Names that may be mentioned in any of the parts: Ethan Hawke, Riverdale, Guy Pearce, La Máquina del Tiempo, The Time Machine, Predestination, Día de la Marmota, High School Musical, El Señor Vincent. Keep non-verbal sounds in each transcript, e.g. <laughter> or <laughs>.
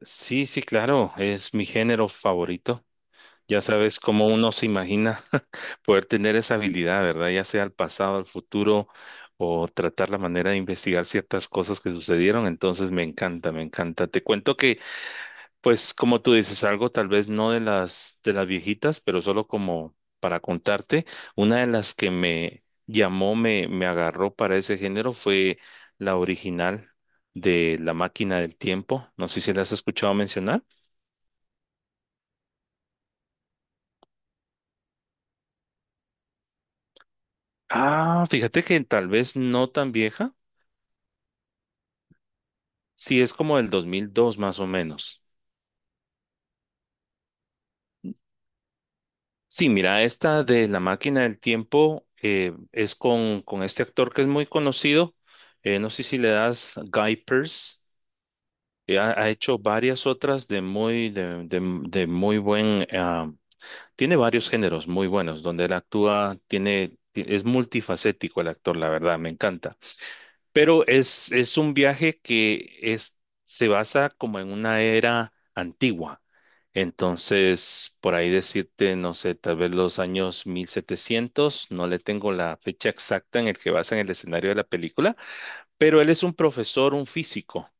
Sí, sí, claro, es mi género favorito. Ya sabes cómo uno se imagina <laughs> poder tener esa habilidad, ¿verdad? Ya sea al pasado, al futuro, o tratar la manera de investigar ciertas cosas que sucedieron. Entonces me encanta, me encanta. Te cuento que, pues, como tú dices, algo tal vez no de las viejitas, pero solo como para contarte, una de las que me llamó, me agarró para ese género fue la original de La Máquina del Tiempo. No sé si la has escuchado mencionar. Ah, fíjate que tal vez no tan vieja. Sí, es como del 2002 más o menos. Sí, mira, esta de La Máquina del Tiempo es con este actor que es muy conocido. No sé si le das Guy Pearce. Ha hecho varias otras de muy buen... tiene varios géneros muy buenos donde él actúa, es multifacético el actor, la verdad, me encanta. Pero es un viaje se basa como en una era antigua. Entonces, por ahí decirte, no sé, tal vez los años 1700 no le tengo la fecha exacta en el que basan el escenario de la película, pero él es un profesor, un físico.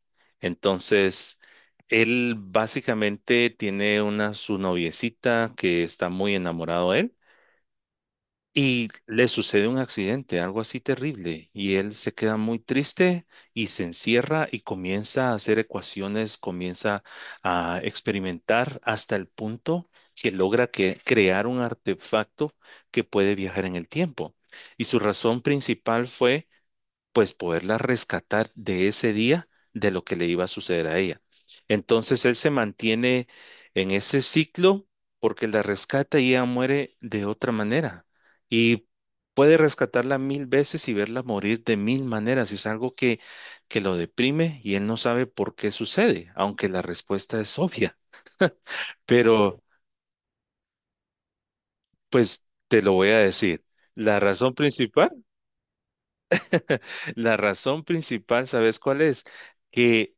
Entonces, él básicamente tiene una su noviecita que está muy enamorado de él y le sucede un accidente, algo así terrible, y él se queda muy triste y se encierra y comienza a hacer ecuaciones, comienza a experimentar hasta el punto que logra crear un artefacto que puede viajar en el tiempo. Y su razón principal fue pues poderla rescatar de ese día de lo que le iba a suceder a ella. Entonces él se mantiene en ese ciclo porque la rescata y ella muere de otra manera. Y puede rescatarla mil veces y verla morir de mil maneras. Es algo que lo deprime y él no sabe por qué sucede, aunque la respuesta es obvia. Pero pues te lo voy a decir. La razón principal, <laughs> la razón principal, ¿sabes cuál es? Que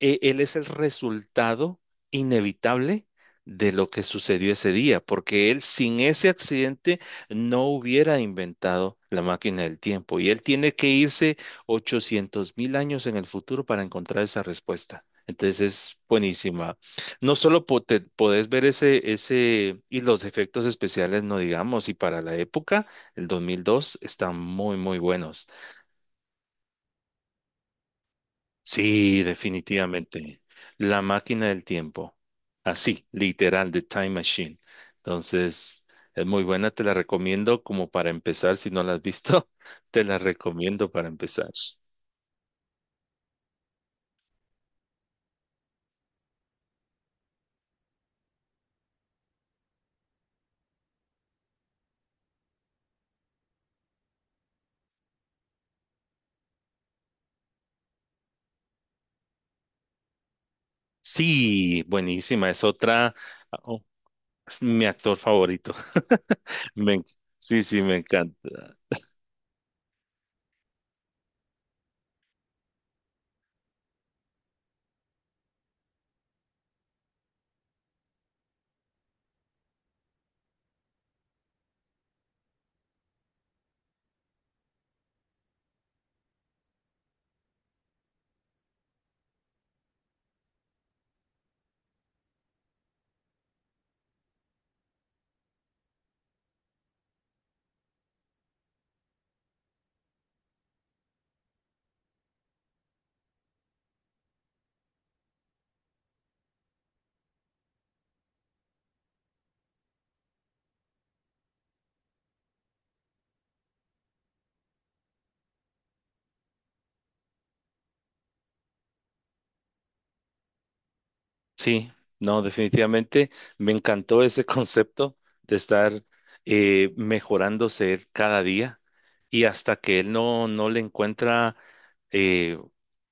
él es el resultado inevitable de lo que sucedió ese día, porque él sin ese accidente no hubiera inventado la máquina del tiempo y él tiene que irse 800 mil años en el futuro para encontrar esa respuesta. Entonces es buenísima. No solo podés ver ese y los efectos especiales, no digamos, y para la época, el 2002, están muy, muy buenos. Sí, definitivamente. La máquina del tiempo. Así, literal, The Time Machine. Entonces, es muy buena, te la recomiendo como para empezar. Si no la has visto, <laughs> te la recomiendo para empezar. Sí, buenísima. Es otra, ah, oh, es mi actor favorito. <laughs> Me- sí, sí, me encanta. Sí, no, definitivamente me encantó ese concepto de estar mejorándose él cada día y hasta que él no le encuentra eh,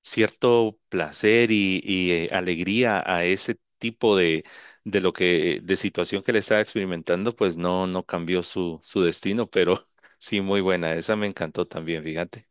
cierto placer y, alegría a ese tipo de situación que le estaba experimentando, pues no cambió su destino, pero <laughs> sí, muy buena. Esa me encantó también, fíjate.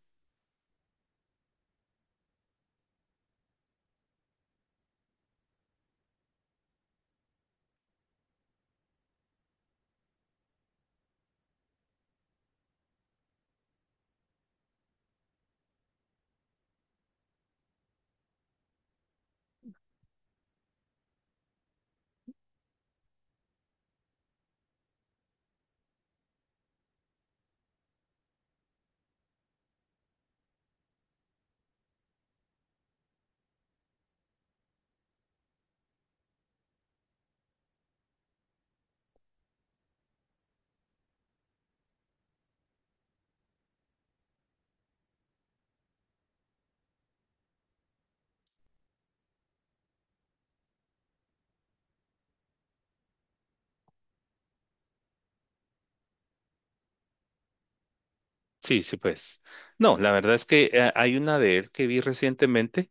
Sí, sí, pues. No, la verdad es que hay una de él que vi recientemente.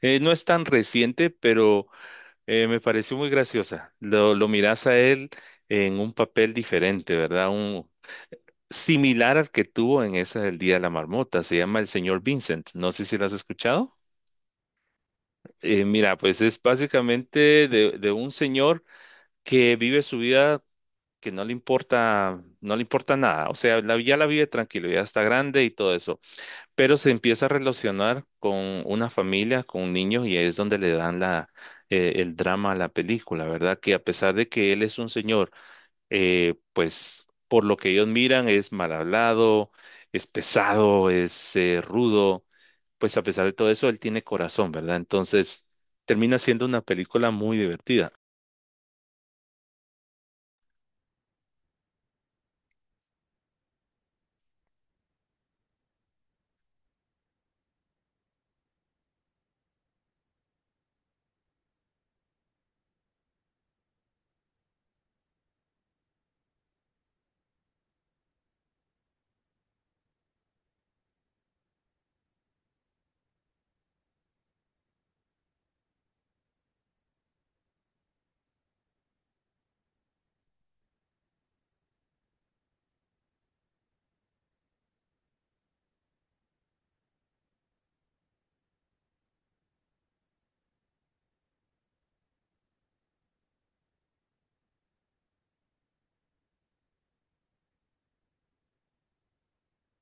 No es tan reciente, pero me pareció muy graciosa. Lo miras a él en un papel diferente, ¿verdad? Similar al que tuvo en esa del Día de la Marmota. Se llama El Señor Vincent. No sé si lo has escuchado. Mira, pues es básicamente de un señor que vive su vida que no le importa, no le importa nada. O sea, ya la vive tranquilo, ya está grande y todo eso, pero se empieza a relacionar con una familia, con niños, y ahí es donde le dan el drama a la película, ¿verdad? Que a pesar de que él es un señor, pues por lo que ellos miran es mal hablado, es pesado, es rudo, pues a pesar de todo eso, él tiene corazón, ¿verdad? Entonces, termina siendo una película muy divertida.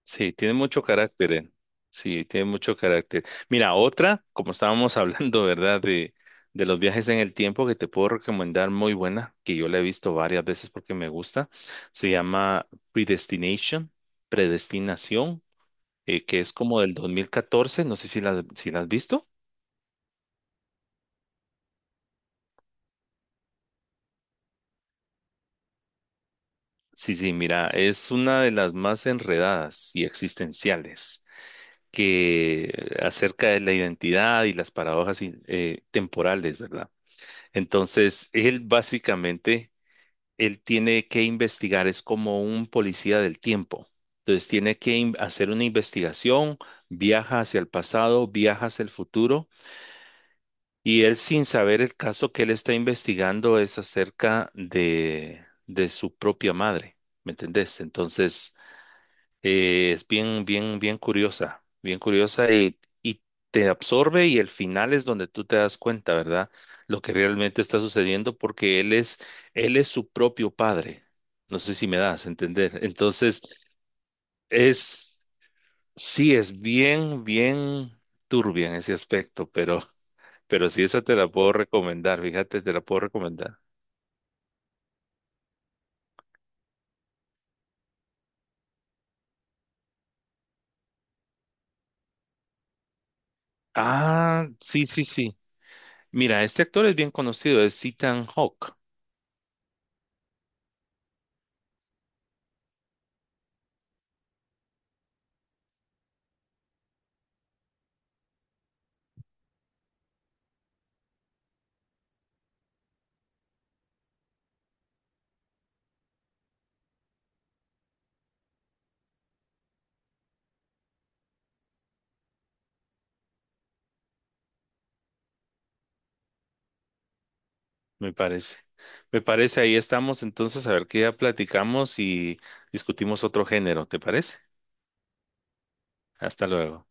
Sí, tiene mucho carácter. Sí, tiene mucho carácter. Mira, otra, como estábamos <laughs> hablando, ¿verdad? De los viajes en el tiempo que te puedo recomendar muy buena, que yo la he visto varias veces porque me gusta, se llama Predestination, Predestinación, que es como del 2014. No sé si si la has visto. Sí, sí, mira, es una de las más enredadas y existenciales que acerca de la identidad y las paradojas temporales, ¿verdad? Entonces, él básicamente, él tiene que investigar, es como un policía del tiempo. Entonces, tiene que hacer una investigación, viaja hacia el pasado, viaja hacia el futuro, y él sin saber el caso que él está investigando es acerca de su propia madre, ¿me entendés? Entonces, es bien, bien, bien curiosa y te absorbe y el final es donde tú te das cuenta, ¿verdad? Lo que realmente está sucediendo porque él es su propio padre. No sé si me das a entender. Entonces, es, sí, es bien, bien turbia en ese aspecto, pero, <laughs> pero sí, esa te la puedo recomendar, fíjate, te la puedo recomendar. Ah, sí, sí, sí. Mira, este actor es bien conocido, es Ethan Hawke. Me parece. Me parece, ahí estamos entonces a ver qué ya platicamos y discutimos otro género, ¿te parece? Hasta luego.